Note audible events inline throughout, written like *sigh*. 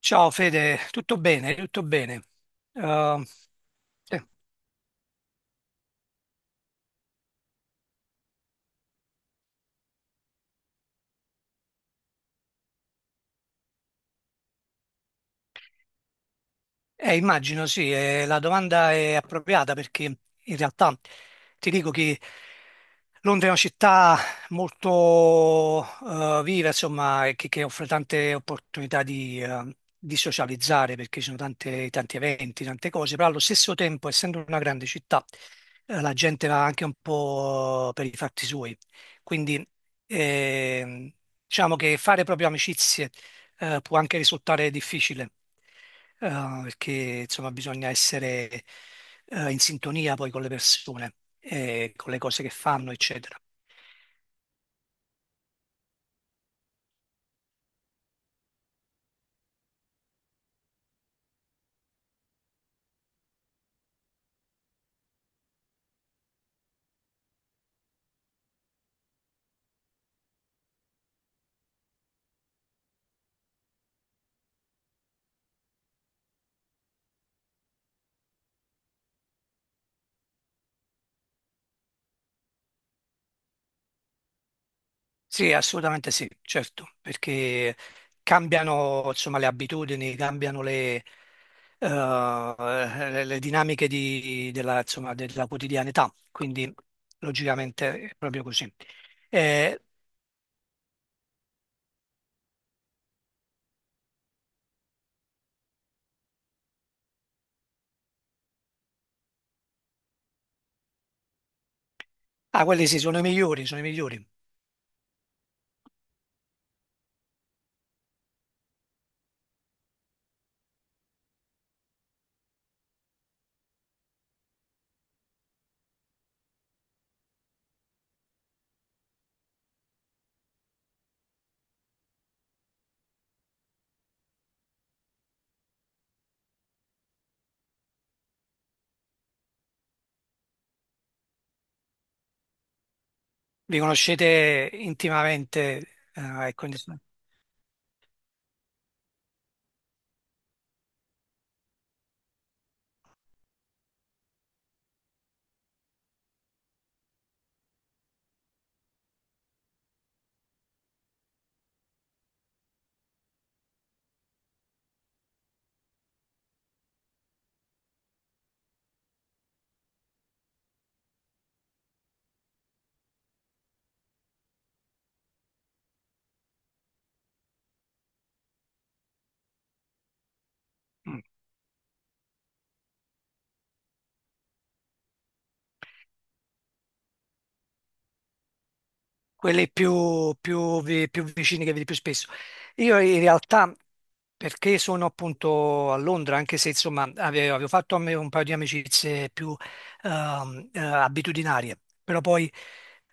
Ciao Fede, tutto bene, tutto bene. Eh, sì. Immagino sì, la domanda è appropriata perché in realtà ti dico che Londra è una città molto viva, insomma, e che offre tante opportunità di socializzare perché ci sono tanti eventi, tante cose, però allo stesso tempo, essendo una grande città, la gente va anche un po' per i fatti suoi. Quindi ehm, diciamo che fare proprio amicizie può anche risultare difficile, eh, perché insomma bisogna essere in sintonia poi con le persone, e con le cose che fanno, eccetera. Sì, assolutamente sì, certo, perché cambiano insomma, le abitudini, cambiano le dinamiche insomma, della quotidianità, quindi logicamente è proprio così. Eh, Ah, quelli sì, sono i migliori, sono i migliori. Vi conoscete intimamente, ecco, quelli più vicini che vedi più spesso. Io in realtà, perché sono appunto a Londra, anche se insomma avevo fatto a me un paio di amicizie più abitudinarie, però poi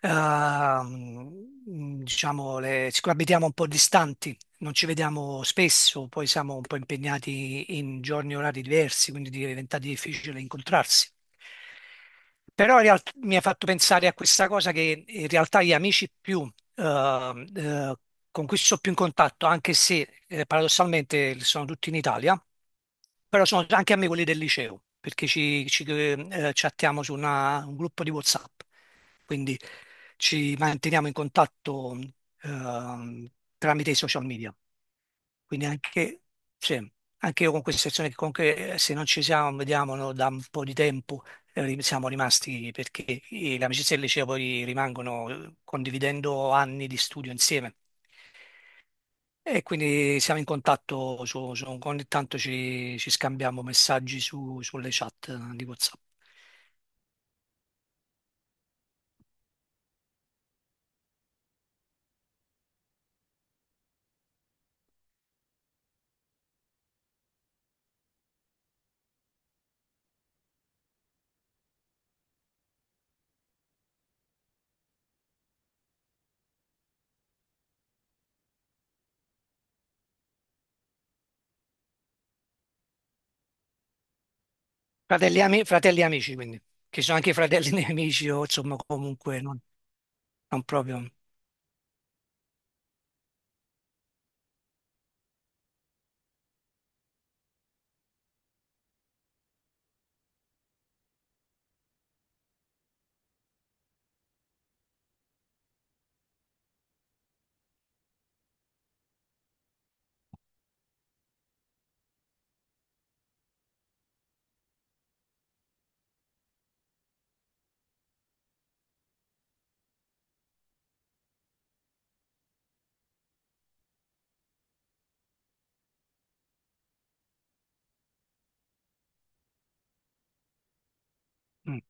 diciamo, siccome abitiamo un po' distanti, non ci vediamo spesso, poi siamo un po' impegnati in giorni e orari diversi, quindi diventa difficile incontrarsi. Però in realtà mi ha fatto pensare a questa cosa che in realtà gli amici eh, eh, con cui sto più in contatto, anche se paradossalmente sono tutti in Italia, però sono anche a me quelli del liceo, perché chattiamo su un gruppo di WhatsApp, quindi ci manteniamo in contatto ehm, tramite i social media. Quindi anche, sì, anche io con questa situazione che comunque se non ci siamo, vediamo no, da un po' di tempo, siamo rimasti perché le amicizie del liceo poi rimangono, condividendo anni di studio insieme. E quindi siamo in contatto, ogni tanto ci scambiamo messaggi sulle chat di WhatsApp. Fratelli, fratelli amici, quindi, che sono anche fratelli *laughs* nemici o insomma comunque non proprio. Mm.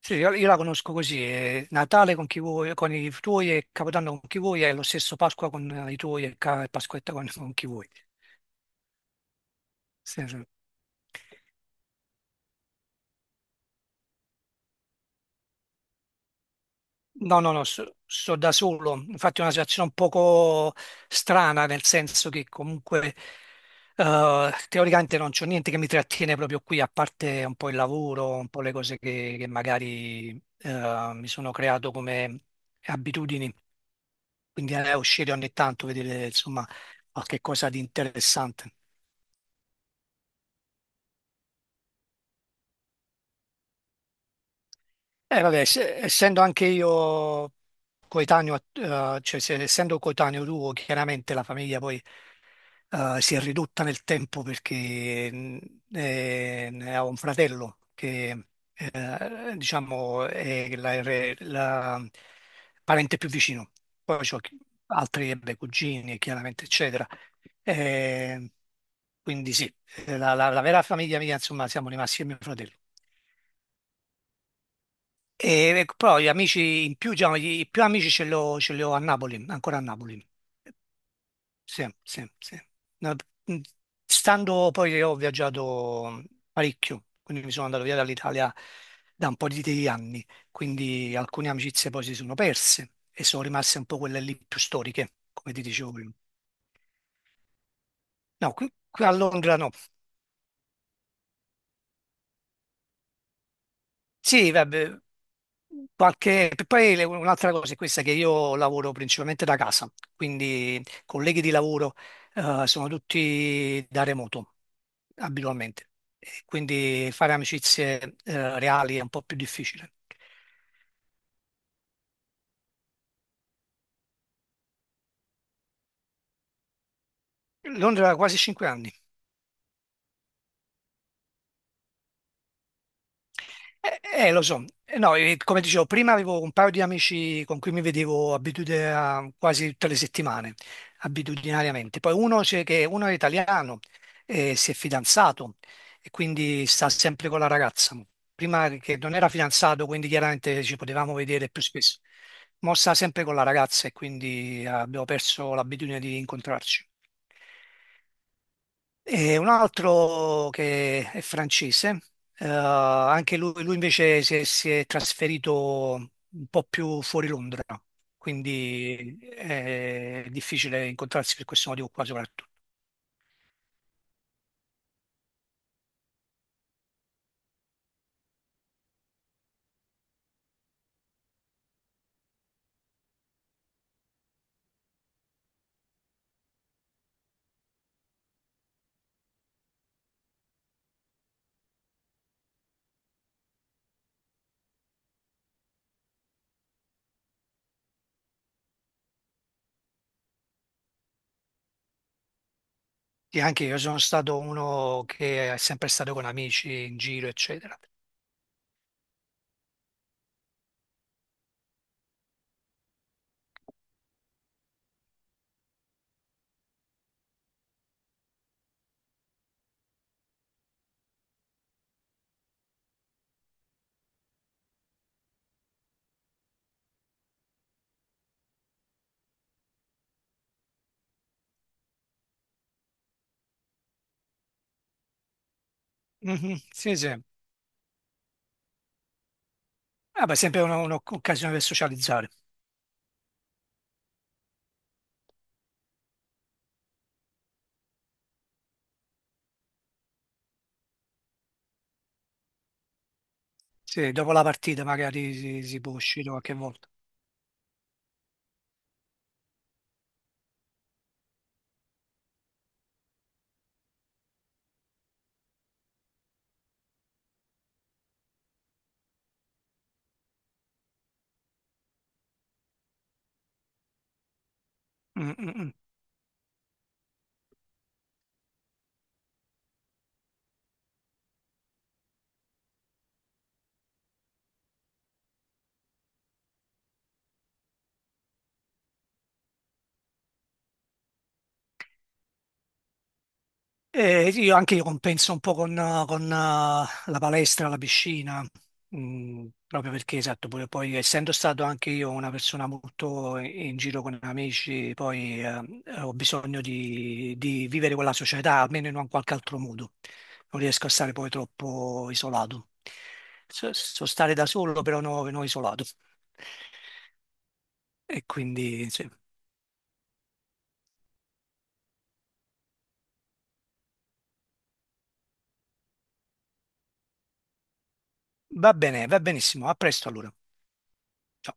Sì, io la conosco così, Natale con chi vuoi, con i tuoi e Capodanno con chi vuoi, è lo stesso Pasqua con i tuoi e Pasquetta con chi vuoi. Sì, sì. No, no, no, sto da solo. Infatti è una situazione un poco strana, nel senso che comunque teoricamente non c'è niente che mi trattiene proprio qui, a parte un po' il lavoro, un po' le cose che magari mi sono creato come abitudini. Quindi uscire ogni tanto, vedere insomma qualche cosa di interessante. Vabbè, essendo anche io coetaneo, cioè, essendo coetaneo tuo, chiaramente la famiglia poi si è ridotta nel tempo perché ne ho un fratello che diciamo è la parente più vicino. Poi ho altri beh, cugini, chiaramente, eccetera. Eh, quindi sì, la vera famiglia mia, insomma, siamo rimasti io e mio fratello. E ecco, però gli amici in più, diciamo, i più amici ce li ho a Napoli, ancora a Napoli. Sì, sì, sì. No, mh, stando poi che ho viaggiato parecchio, quindi mi sono andato via dall'Italia da un po' di anni, quindi alcune amicizie poi si sono perse e sono rimaste un po' quelle lì più storiche, come ti dicevo prima. No, qui a Londra no. Sì, vabbè, qualche, poi un'altra cosa è questa che io lavoro principalmente da casa, quindi colleghi di lavoro sono tutti da remoto abitualmente. E quindi fare amicizie reali è un po' più difficile. Londra da quasi 5 anni. Lo so. No, come dicevo, prima avevo un paio di amici con cui mi vedevo quasi tutte le settimane, abitudinariamente. Poi uno è italiano, si è fidanzato e quindi sta sempre con la ragazza. Prima che non era fidanzato, quindi chiaramente ci potevamo vedere più spesso. Ma sta sempre con la ragazza e quindi abbiamo perso l'abitudine di incontrarci. E un altro che è francese, anche lui, invece si è trasferito un po' più fuori Londra, quindi è difficile incontrarsi per questo motivo qua soprattutto. E anche io sono stato uno che è sempre stato con amici in giro, eccetera. Mhm, sì, sì. Ah, beh, sempre un'occasione per socializzare. Sì, dopo la partita magari si può uscire qualche volta. Mm, mm, mm. Sì, io anche io compenso un po' con la palestra, la piscina, proprio perché, esatto, pure poi essendo stato anche io una persona molto in giro con amici, poi ho bisogno di vivere con la società, almeno in un qualche altro modo. Non riesco a stare poi troppo isolato. So stare da solo, però non isolato. E quindi, sì. Va bene, va benissimo. A presto allora. Ciao.